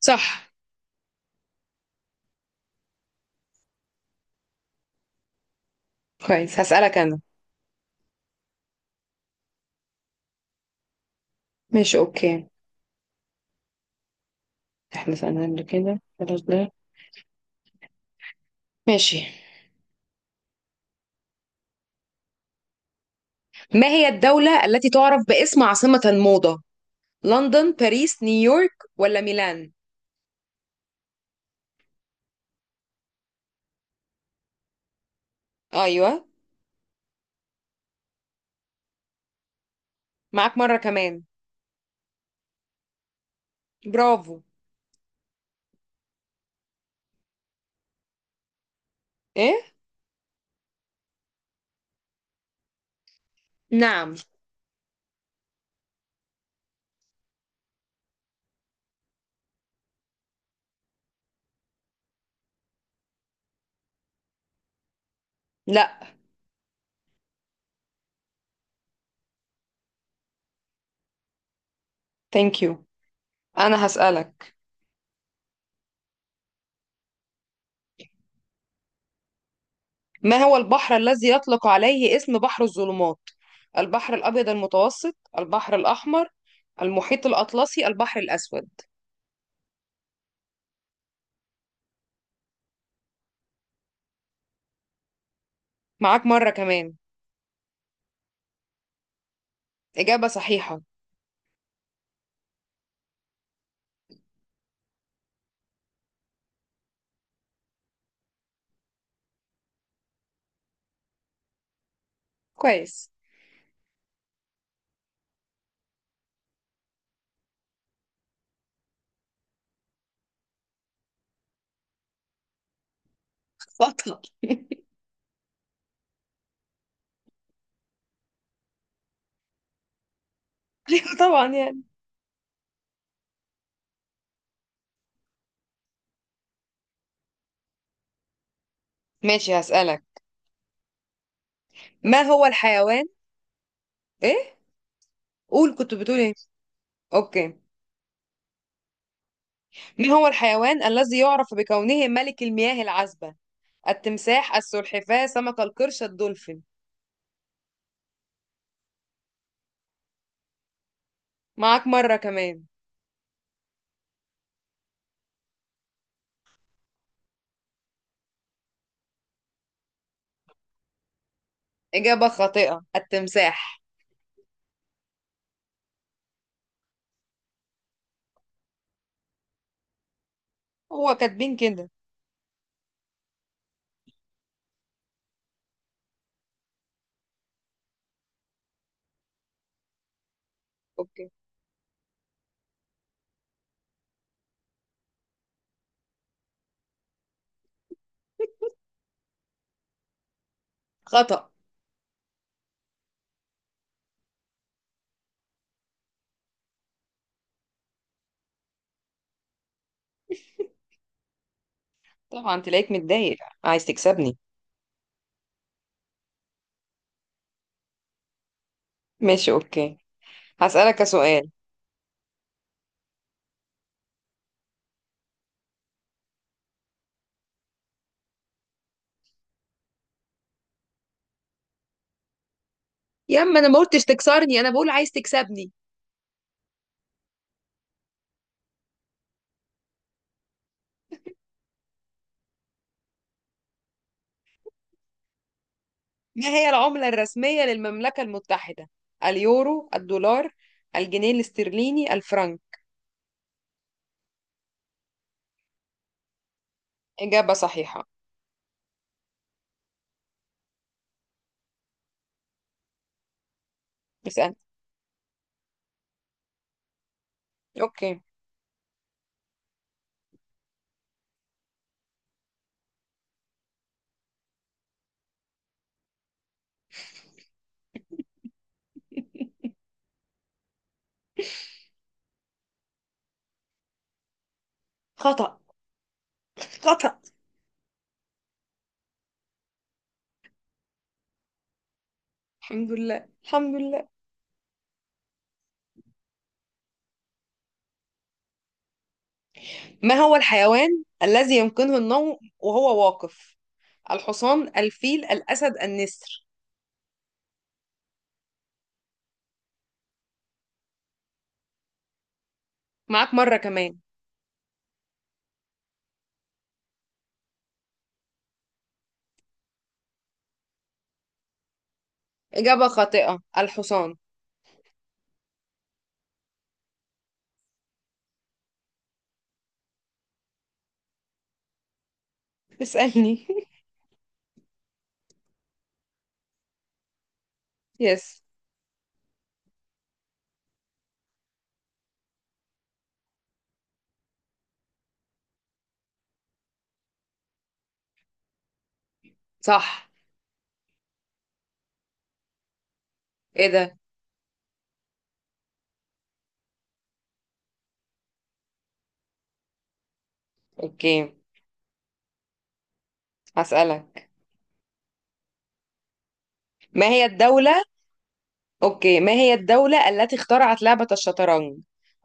صح. كويس، هسألك أنا. ماشي، أوكي. احنا سألنا قبل كده، خلاص ده. ماشي. ما هي الدولة التي تعرف باسم عاصمة الموضة؟ لندن، باريس، نيويورك ولا ميلان؟ أيوة. معاك مرة كمان. برافو. إيه. نعم. لا. ثانك يو. أنا هسألك. ما هو البحر الذي يطلق عليه اسم بحر الظلمات؟ البحر الأبيض المتوسط، البحر الأحمر، المحيط الأطلسي، البحر الأسود. معاك مرة كمان. إجابة صحيحة. كويس. بطل. طبعا يعني. ماشي، هسألك. ما هو الحيوان؟ ايه؟ قول، كنت بتقول ايه؟ اوكي. ما هو الحيوان الذي يعرف بكونه ملك المياه العذبة؟ التمساح، السلحفاة، سمك القرش، الدولفين. معاك مرة كمان. إجابة خاطئة، التمساح. هو كاتبين كده. اوكي. خطأ. طبعا تلاقيك متضايق، عايز تكسبني. ماشي، اوكي. هسألك سؤال. يا اما انا ما قلتش تكسرني، انا بقول عايز تكسبني. ما هي العملة الرسمية للمملكة المتحدة؟ اليورو، الدولار، الجنيه الاسترليني، الفرنك. إجابة صحيحة. اسأل. أوكي. خطأ، خطأ. الحمد لله، الحمد لله. ما هو الحيوان الذي يمكنه النوم وهو واقف؟ الحصان، الفيل، الأسد، النسر. معاك مرة كمان. إجابة خاطئة، الحصان. اسألني. يس. صح. ايه ده؟ اوكي، هسألك. ما هي الدولة؟ أوكي، ما هي الدولة التي اخترعت لعبة الشطرنج؟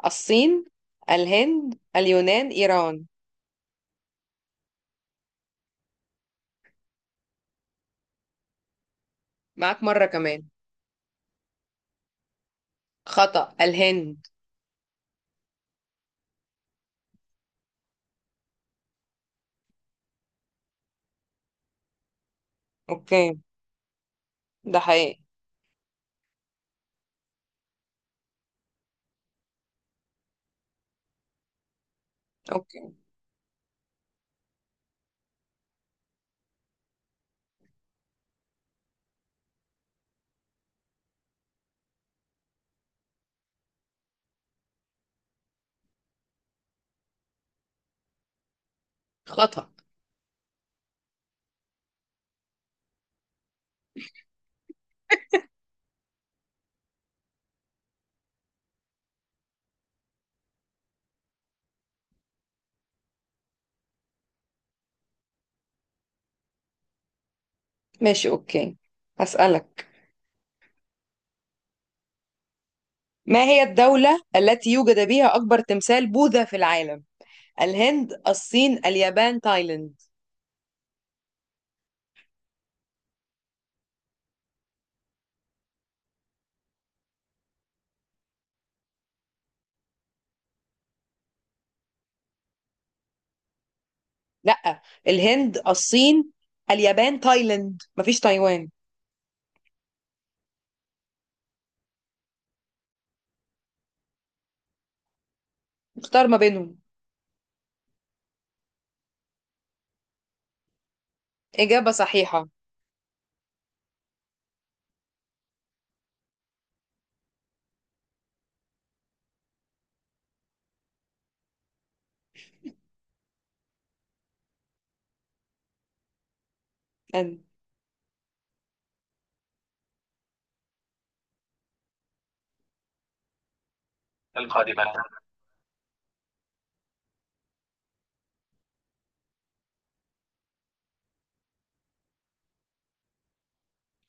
الصين، الهند، اليونان، إيران. معاك مرة كمان. خطأ، الهند. أوكي. ده حقيقي. أوكي. خطأ. ماشي، أوكي. هسألك. ما هي الدولة التي يوجد بها أكبر تمثال بوذا في العالم؟ الهند، الصين، اليابان، تايلاند. لأ، الهند، الصين، اليابان، تايلاند، مفيش تايوان. اختار ما بينهم. إجابة صحيحة. أنت القادمة.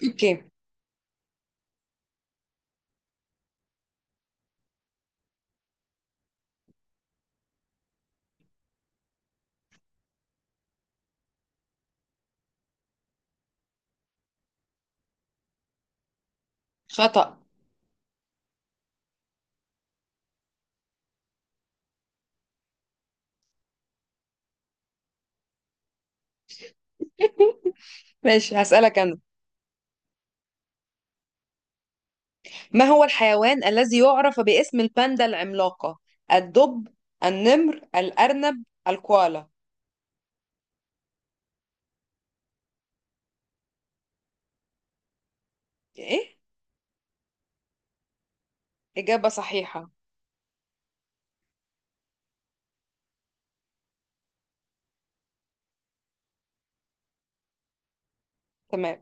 أوكي. خطأ. ماشي، هسألك أنا. ما هو الحيوان الذي يعرف باسم الباندا العملاقة؟ الدب، النمر، الأرنب، الكوالا. إيه. إجابة صحيحة. تمام.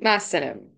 مع السلامة.